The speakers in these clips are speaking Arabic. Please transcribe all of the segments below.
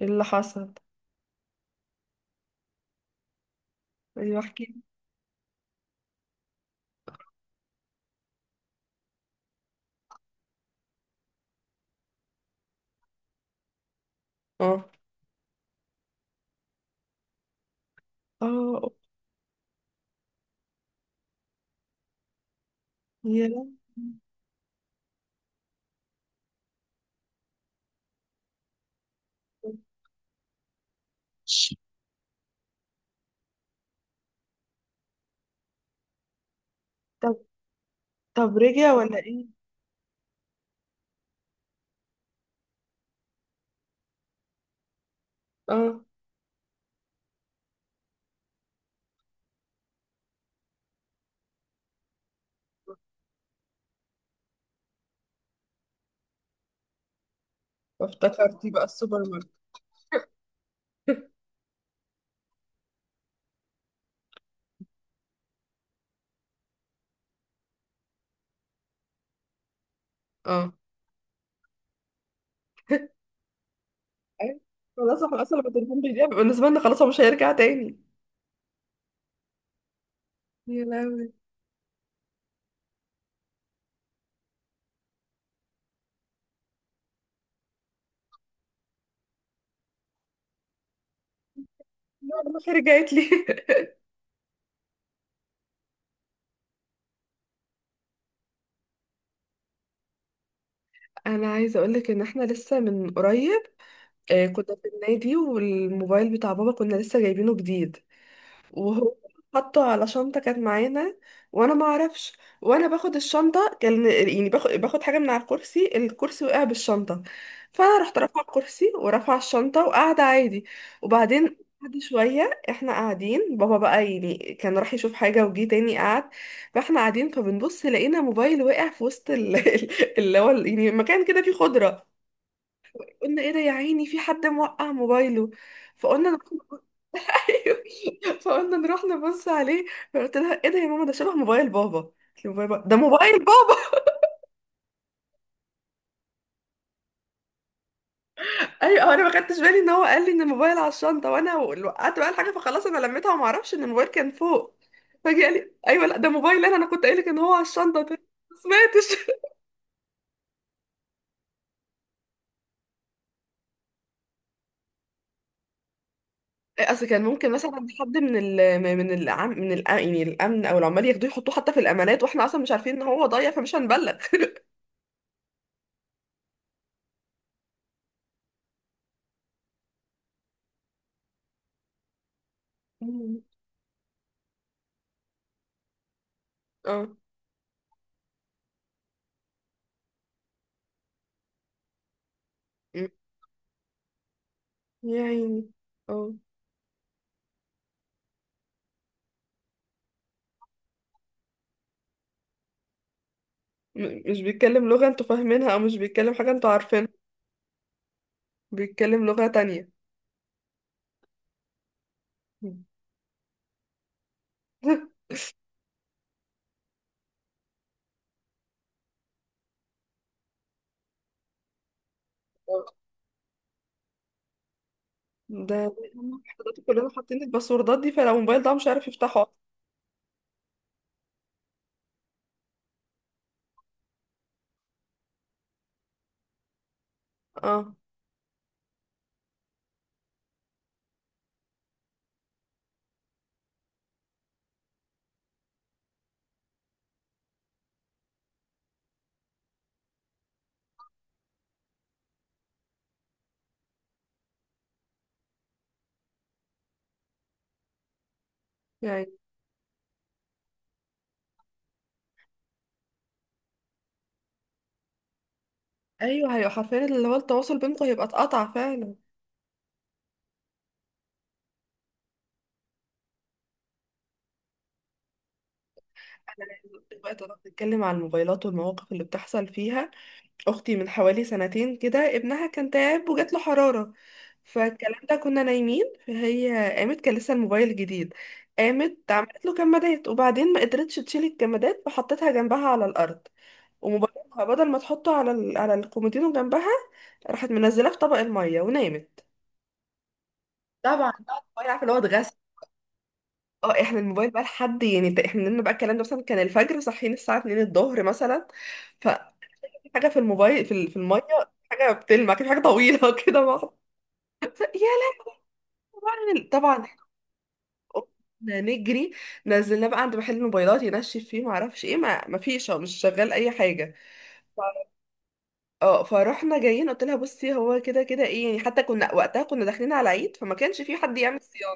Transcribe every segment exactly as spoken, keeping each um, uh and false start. اللي حصل؟ ايوه، احكي. اه، اه، يا لهوي. طب، طب رجع ولا ايه؟ اه، افتكرتي بقى السوبر ماركت. اه، أيوة. خلاص، احنا اصلا لما التليفون بيضيع بيبقى بالنسبه لنا خلاص، هو مش هيرجع تاني. يا لهوي، لا والله، رجعت لي. انا عايزه اقول لك ان احنا لسه من قريب آه، كنا في النادي، والموبايل بتاع بابا كنا لسه جايبينه جديد، وهو حطه على شنطة كانت معانا، وانا ما اعرفش، وانا باخد الشنطة كان يعني باخد باخد حاجة من على الكرسي، الكرسي وقع بالشنطة. فانا رحت رافعه الكرسي ورافعه الشنطة وقاعدة عادي. وبعدين، بعد شوية احنا قاعدين، بابا بقى يعني كان راح يشوف حاجة وجي تاني قعد. فاحنا قاعدين فبنبص، لقينا موبايل وقع في وسط ال- ال- اللي هو ال- يعني مكان كده فيه خضرة. قلنا ايه ده يا عيني، في حد موقع موبايله. فقلنا نروح- ايوه، فقلنا نروح نبص عليه. فقلت لها ايه ده يا ماما، ده شبه موبايل بابا. قلت لي موبايل بابا، ده موبايل بابا. ايوه، انا ما خدتش بالي ان هو قال لي ان الموبايل على الشنطه، وانا وقعت بقى الحاجه فخلاص، انا لميتها وما اعرفش ان الموبايل كان فوق. فجي قال لي ايوه لا ده موبايل، انا انا كنت قايل لك ان هو على الشنطه. قلت له ما سمعتش. اصل كان ممكن مثلا حد من ال من العم من الأ- يعني الامن او العمال ياخدوه يحطوه حتى في الامانات، واحنا اصلا مش عارفين ان هو ضايع فمش هنبلغ. اه، م- يا عيني. اه، م- مش بيتكلم لغة انتوا فاهمينها، او مش بيتكلم حاجة انتوا عارفينها، بيتكلم لغة تانية. آه. ده هم حضرتك كلنا حاطين الباسوردات دي، فلو الموبايل ده مش عارف يفتحه اصلا. اه، يعني ايوه، هي حرفيا اللي هو التواصل بينكم هيبقى اتقطع فعلا. انا دلوقتي بقى طالما بنتكلم عن الموبايلات والمواقف اللي بتحصل فيها، اختي من حوالي سنتين كده، ابنها كان تعب وجات له حراره. فالكلام ده كنا نايمين، فهي قامت، كان لسه الموبايل جديد. قامت عملت له كمادات، وبعدين ما قدرتش تشيل الكمادات فحطتها جنبها على الارض. وموبايلها بدل ما تحطه على ال... على الكومودينو جنبها، راحت منزلاه في طبق الميه ونامت. طبعا بقى الموبايل، عارفه اللي هو اتغسل. اه، احنا الموبايل بقى لحد يعني، ده احنا نمنا بقى الكلام ده، مثلا كان الفجر، صاحيين الساعه اتنين الظهر مثلا. في حاجه في الموبايل في ال- في الميه، حاجه بتلمع كده، حاجه طويله كده مع- يا لهوي، طبعا. قمنا نجري، نزلنا بقى عند محل موبايلات ينشف فيه، ما اعرفش ايه، ما ما فيش، هو مش شغال اي حاجه. اه، فروحنا جايين قلت لها بصي، هو كده كده ايه يعني، حتى كنا وقتها كنا داخلين على عيد فما كانش في حد يعمل صيانه.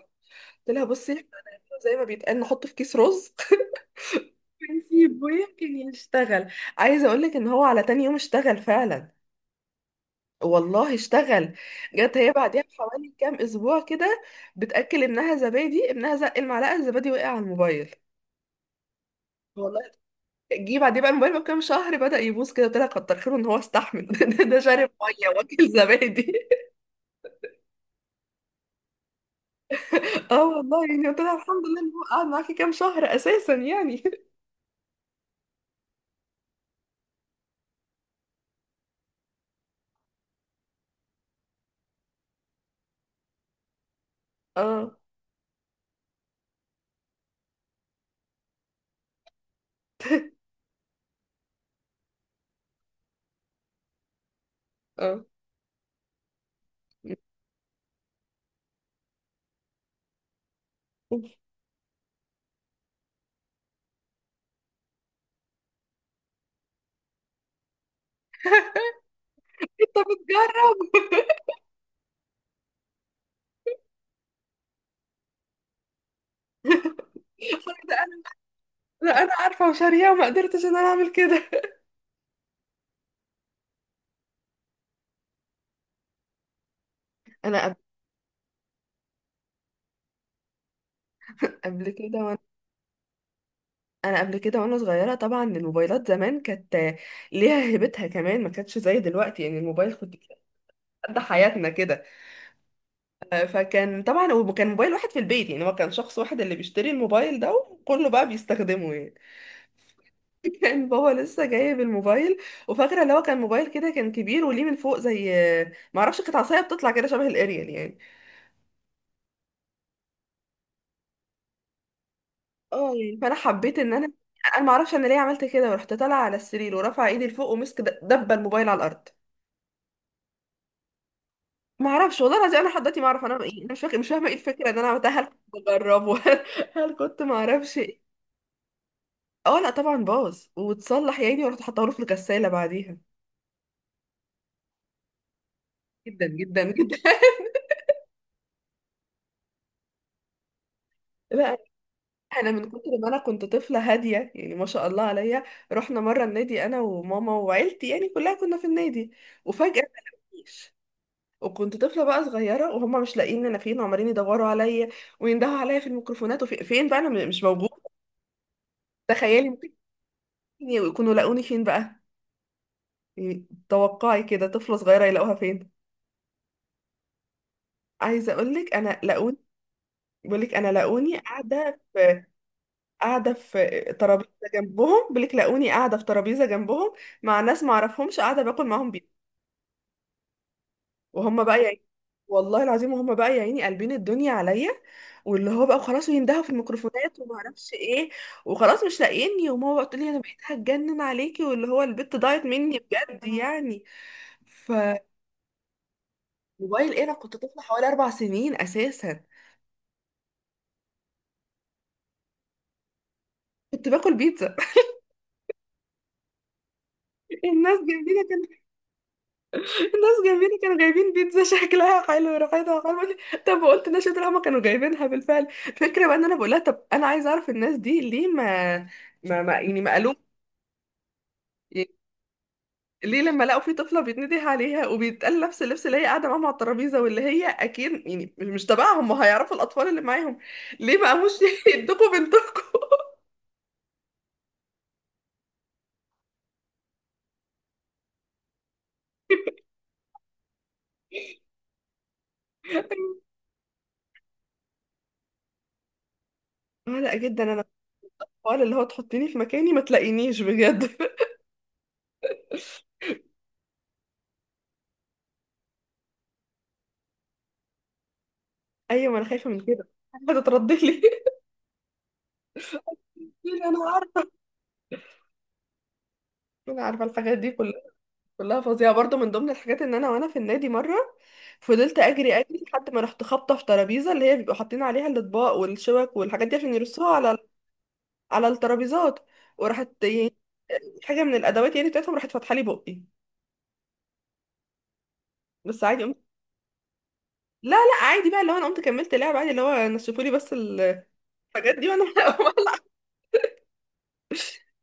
قلت لها بصي، احنا هنعمله زي ما بيتقال، نحطه في كيس رز ونسيبه يمكن يشتغل. عايزه اقول لك ان هو على تاني يوم اشتغل فعلا، والله اشتغل. جت هي بعديها بحوالي كام اسبوع كده، بتاكل ابنها زبادي، ابنها زق المعلقه، الزبادي وقع على الموبايل، والله. جه بعديه بقى الموبايل بكام شهر بدأ يبوظ كده. قلت لها كتر خيره ان هو استحمل، ده ده شارب ميه واكل زبادي. اه والله، يعني قلت لها الحمد لله ان هو قعد معاكي كام شهر اساسا يعني. اه، اه. انت بتجرب؟ ده انا ده أنا عارفه وشاريه وما قدرتش ان انا اعمل كده. انا قبل قبل كده انا قبل كده وانا صغيره، طبعا الموبايلات زمان كانت ليها هيبتها، كمان ما كانتش زي دلوقتي. يعني الموبايل كنت قد حياتنا كده. آه، فكان طبعا، وكان موبايل واحد في البيت، يعني هو كان شخص واحد اللي بيشتري الموبايل ده وكله بقى بيستخدمه يعني. كان بابا لسه جايب الموبايل، وفاكره اللي هو كان موبايل كده، كان كبير وليه من فوق، زي ما اعرفش، كانت عصايه بتطلع كده شبه الاريال يعني. اه يعني، فانا حبيت ان انا انا ما اعرفش انا ليه عملت كده، ورحت طالعه على السرير ورافعه ايدي لفوق، ومسك د- دبه الموبايل على الارض. ما اعرفش والله العظيم، انا لحد دلوقتي ما اعرف انا ايه، انا مش فاكره، مش فاهمه ايه الفكره ان انا عملتها. هل كنت بجربه؟ هل كنت؟ ما اعرفش ايه. اه لا طبعا، باظ واتصلح يا عيني، ورحت حطاه له في الغساله بعديها. جدا جدا جدا. لا، انا من كتر ما انا كنت طفله هاديه، يعني ما شاء الله عليا. رحنا مره النادي، انا وماما وعيلتي يعني كلها، كنا في النادي. وفجاه ما لقونيش، وكنت طفله بقى صغيره، وهم مش لاقيين انا فين، وعمالين يدوروا عليا ويندهوا عليا في الميكروفونات، وفين بقى انا، م- مش موجوده. تخيلي ممكن يكونوا لاقوني فين بقى. إيه، توقعي كده طفلة صغيرة يلاقوها فين. عايزة أقولك، أنا لاقوني. بقولك أنا لاقوني قاعدة في قاعدة في ترابيزة جنبهم. بقولك لاقوني قاعدة في ترابيزة جنبهم، مع ناس معرفهمش، قاعدة باكل معاهم بيتزا. وهم بقى يعني، والله العظيم، وهم بقى يا عيني قلبين الدنيا عليا، واللي هو بقى خلاص، ويندهوا في الميكروفونات وما اعرفش ايه، وخلاص مش لاقيني. وماما بقى تقول لي، انا بقيت هتجنن عليكي، واللي هو البت ضاعت مني بجد يعني. فموبايل، ايه، انا كنت طفله حوالي اربع سنين اساسا. كنت باكل بيتزا. الناس جنبينا كان الناس جنبينا كانوا جايبين بيتزا شكلها حلو، وريحتها حلوه، بقول لي، طب قلت لها شاطر، هما كانوا جايبينها بالفعل. الفكره بقى ان انا بقول لها، طب انا عايزه اعرف الناس دي ليه ما ما, ما يعني ما قالوا ليه، لما لقوا في طفله بيتنده عليها وبيتقال نفس اللبس اللي هي قاعده معاهم على الترابيزه، واللي هي اكيد يعني مش تبعهم، ما هيعرفوا الاطفال اللي معاهم، ليه ما قاموش يدوكوا بنتكم. قلق جدا انا الحوار اللي هو تحطيني في مكاني ما تلاقينيش بجد. ايوه، ما انا خايفه من كده، هتتردلي. يعني انا عارفه انا عارفه الحاجات دي كلها، كلها فظيعه. برضو من ضمن الحاجات، ان انا وانا في النادي مره، فضلت اجري اجري لحد ما رحت خابطه في ترابيزه اللي هي بيبقوا حاطين عليها الاطباق والشوك والحاجات دي، عشان يرصوها على على الترابيزات. وراحت يعني حاجه من الادوات يعني بتاعتهم راحت فاتحه لي بقي، بس عادي قمت. لا لا، عادي بقى، اللي هو انا قمت كملت لعب عادي، اللي هو نشفوا لي بس الحاجات دي وانا.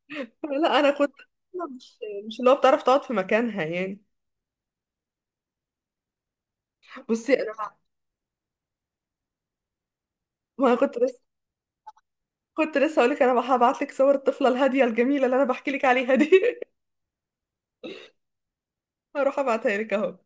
لا انا كنت مش مش اللي هو بتعرف تقعد في مكانها يعني. بصي انا، ما أنا كنت، بس كنت لسه هقولك انا هبعت لك صور الطفله الهاديه الجميله اللي انا بحكي لك عليها دي. هروح ابعتها لك اهو.